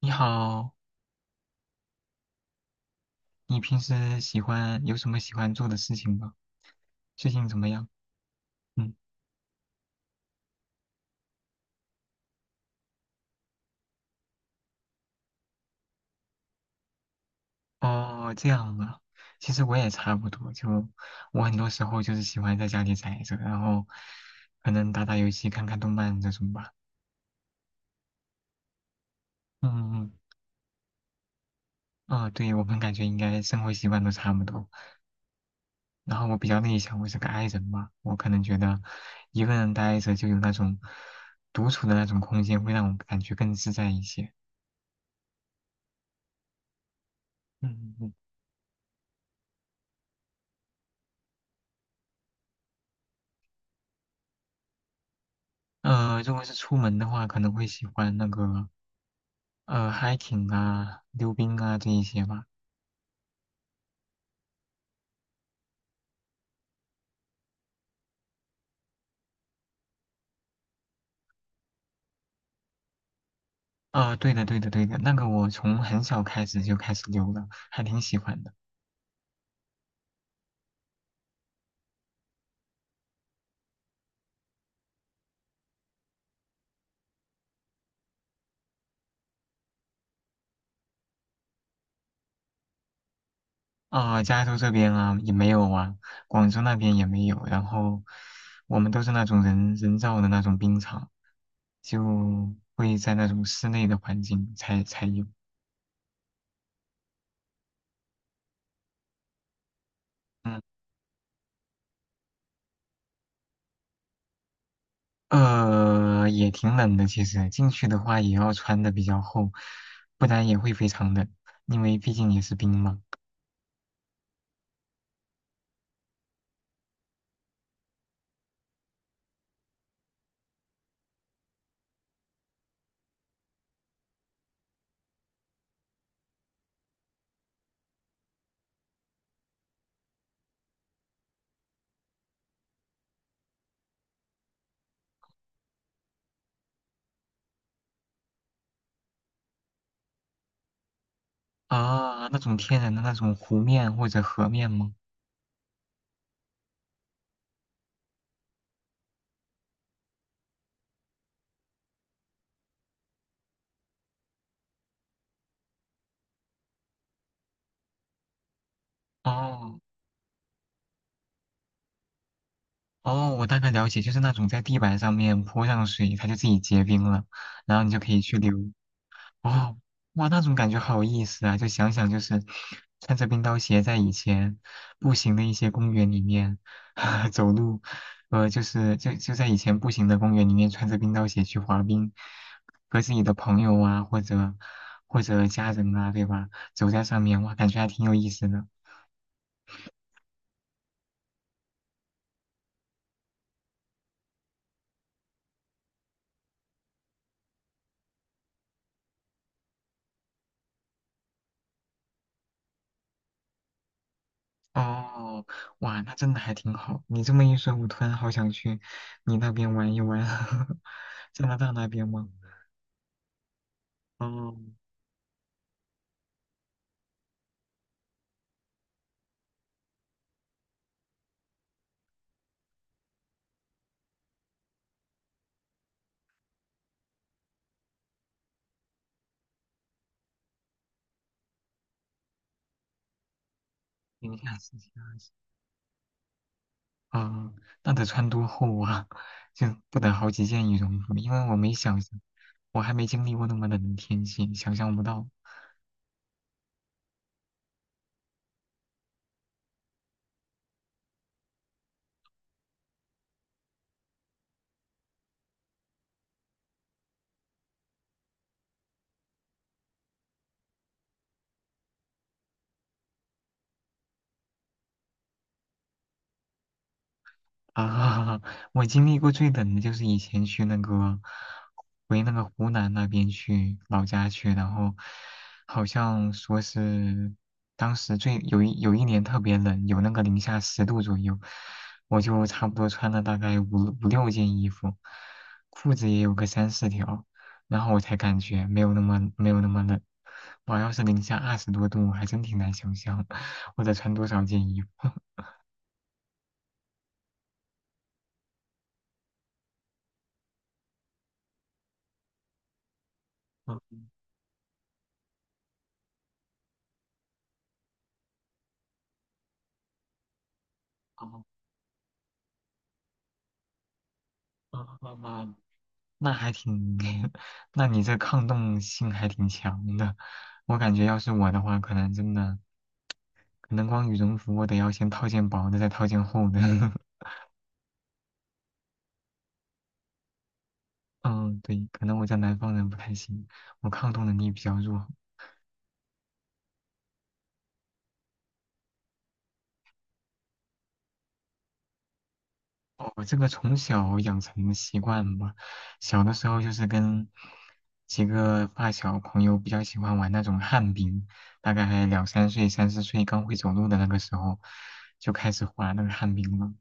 你好，你平时喜欢有什么喜欢做的事情吗？最近怎么样？嗯，哦，这样啊。其实我也差不多，就我很多时候就是喜欢在家里宅着，然后可能打打游戏、看看动漫这种吧。嗯嗯，啊，对，我们感觉应该生活习惯都差不多。然后我比较内向，我是个 I 人嘛，我可能觉得一个人待着就有那种独处的那种空间，会让我感觉更自在一些。嗯，如果是出门的话，可能会喜欢那个hiking 啊、溜冰啊这一些吧。啊、对的，对的，对的，那个我从很小开始就开始溜了，还挺喜欢的。啊、加州这边啊也没有啊，广州那边也没有，然后我们都是那种人造的那种冰场，就会在那种室内的环境才有。嗯，也挺冷的，其实进去的话也要穿的比较厚，不然也会非常冷，因为毕竟也是冰嘛。啊，那种天然的那种湖面或者河面吗？哦哦，我大概了解，就是那种在地板上面泼上水，它就自己结冰了，然后你就可以去溜。哦，哇，那种感觉好有意思啊！就想想，就是穿着冰刀鞋在以前步行的一些公园里面 走路，就是就在以前步行的公园里面穿着冰刀鞋去滑冰，和自己的朋友啊，或者家人啊，对吧？走在上面，哇，感觉还挺有意思的。哦，哇，那真的还挺好。你这么一说，我突然好想去你那边玩一玩，加拿大那边吗？哦，等一下，试一下。啊，那得穿多厚啊？就不得好几件羽绒服，因为我没想象，我还没经历过那么冷的天气，想象不到。啊，我经历过最冷的就是以前去那个回那个湖南那边去老家去，然后好像说是当时最有一年特别冷，有那个零下10度左右，我就差不多穿了大概五六件衣服，裤子也有个3、4条，然后我才感觉没有那么冷。我要是零下20多度，我还真挺难想象我得穿多少件衣服。嗯，好，啊啊啊！那还挺，那你这抗冻性还挺强的。我感觉要是我的话，可能真的，可能光羽绒服我得要先套件薄的，再套件厚的。嗯，对，可能我在南方人不太行，我抗冻能力比较弱。哦我这个从小养成的习惯吧，小的时候就是跟几个发小朋友比较喜欢玩那种旱冰，大概2、3岁、3、4岁刚会走路的那个时候，就开始滑那个旱冰了。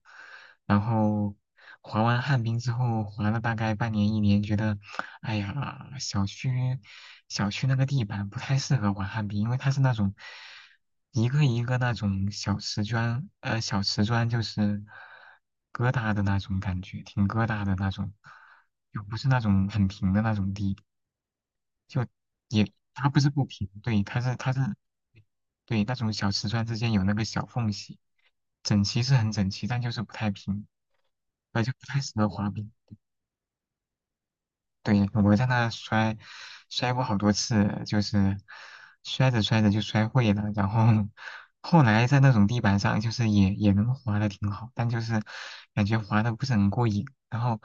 然后滑完旱冰之后，滑了大概半年一年，觉得，哎呀，小区那个地板不太适合玩旱冰，因为它是那种一个一个那种小瓷砖，小瓷砖就是疙瘩的那种感觉，挺疙瘩的那种，又不是那种很平的那种地。就也它不是不平，对，它是对那种小瓷砖之间有那个小缝隙，整齐是很整齐，但就是不太平，那就不太适合滑冰。对，我在那摔，摔过好多次，就是摔着摔着就摔会了，然后后来在那种地板上，就是也能滑的挺好，但就是感觉滑的不是很过瘾。然后，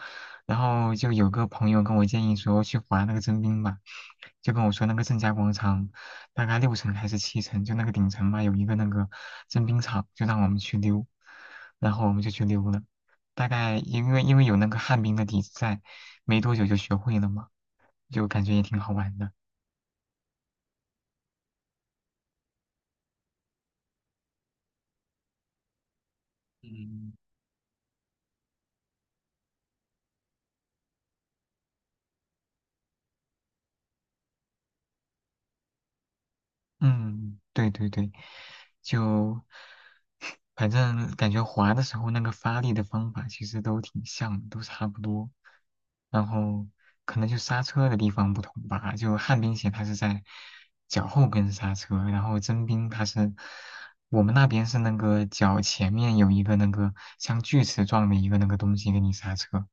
然后就有个朋友跟我建议说去滑那个征兵吧，就跟我说那个正佳广场大概6层还是7层，就那个顶层嘛，有一个那个征兵场，就让我们去溜，然后我们就去溜了。大概因为有那个旱冰的底子在，没多久就学会了嘛，就感觉也挺好玩的。嗯，嗯，对对对，就 反正感觉滑的时候那个发力的方法其实都挺像，都差不多。然后可能就刹车的地方不同吧，就旱冰鞋它是在脚后跟刹车，然后真冰它是我们那边是那个脚前面有一个那个像锯齿状的一个那个东西给你刹车。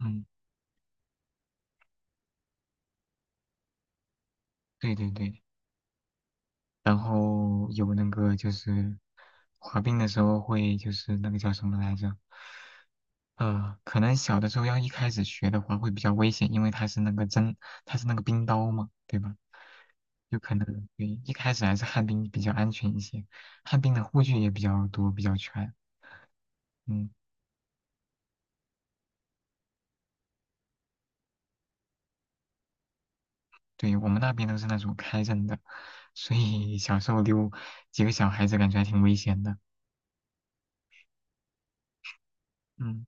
嗯。对对对，然后有那个就是滑冰的时候会就是那个叫什么来着？可能小的时候要一开始学的话会比较危险，因为它是那个针，它是那个冰刀嘛，对吧？有可能对，一开始还是旱冰比较安全一些，旱冰的护具也比较多，比较全。嗯，对，我们那边都是那种开刃的，所以小时候溜几个小孩子感觉还挺危险的。嗯，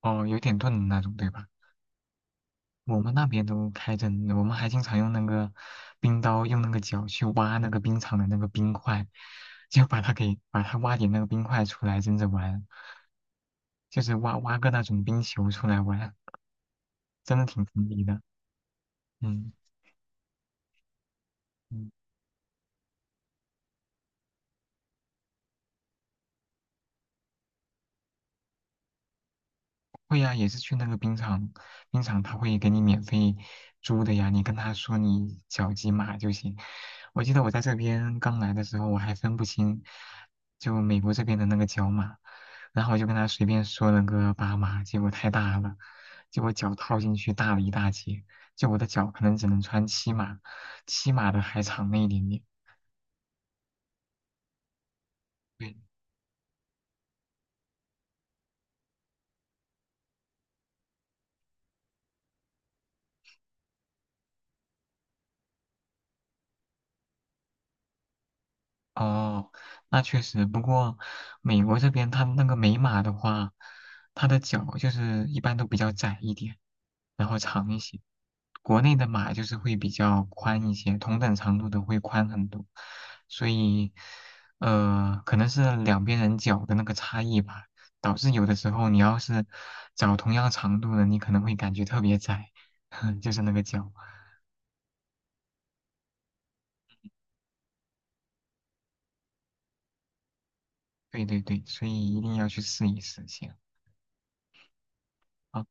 哦，有点钝的那种，对吧？我们那边都开着呢，我们还经常用那个冰刀，用那个脚去挖那个冰场的那个冰块，就把它挖点那个冰块出来蒸着玩，就是挖个那种冰球出来玩，真的挺锋利的。嗯嗯，会呀、也是去那个冰场，冰场他会给你免费租的呀，你跟他说你脚几码就行。我记得我在这边刚来的时候，我还分不清就美国这边的那个脚码，然后我就跟他随便说了个8码，结果太大了，结果脚套进去大了一大截，就我的脚可能只能穿七码，七码的还长了一点点。对哦，那确实。不过，美国这边它那个美马的话，它的脚就是一般都比较窄一点，然后长一些。国内的马就是会比较宽一些，同等长度的会宽很多。所以，可能是两边人脚的那个差异吧，导致有的时候你要是找同样长度的，你可能会感觉特别窄，就是那个脚。对对对，所以一定要去试一试先。啊。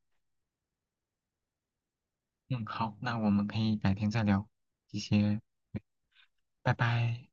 嗯，好，那我们可以改天再聊，谢谢，拜拜。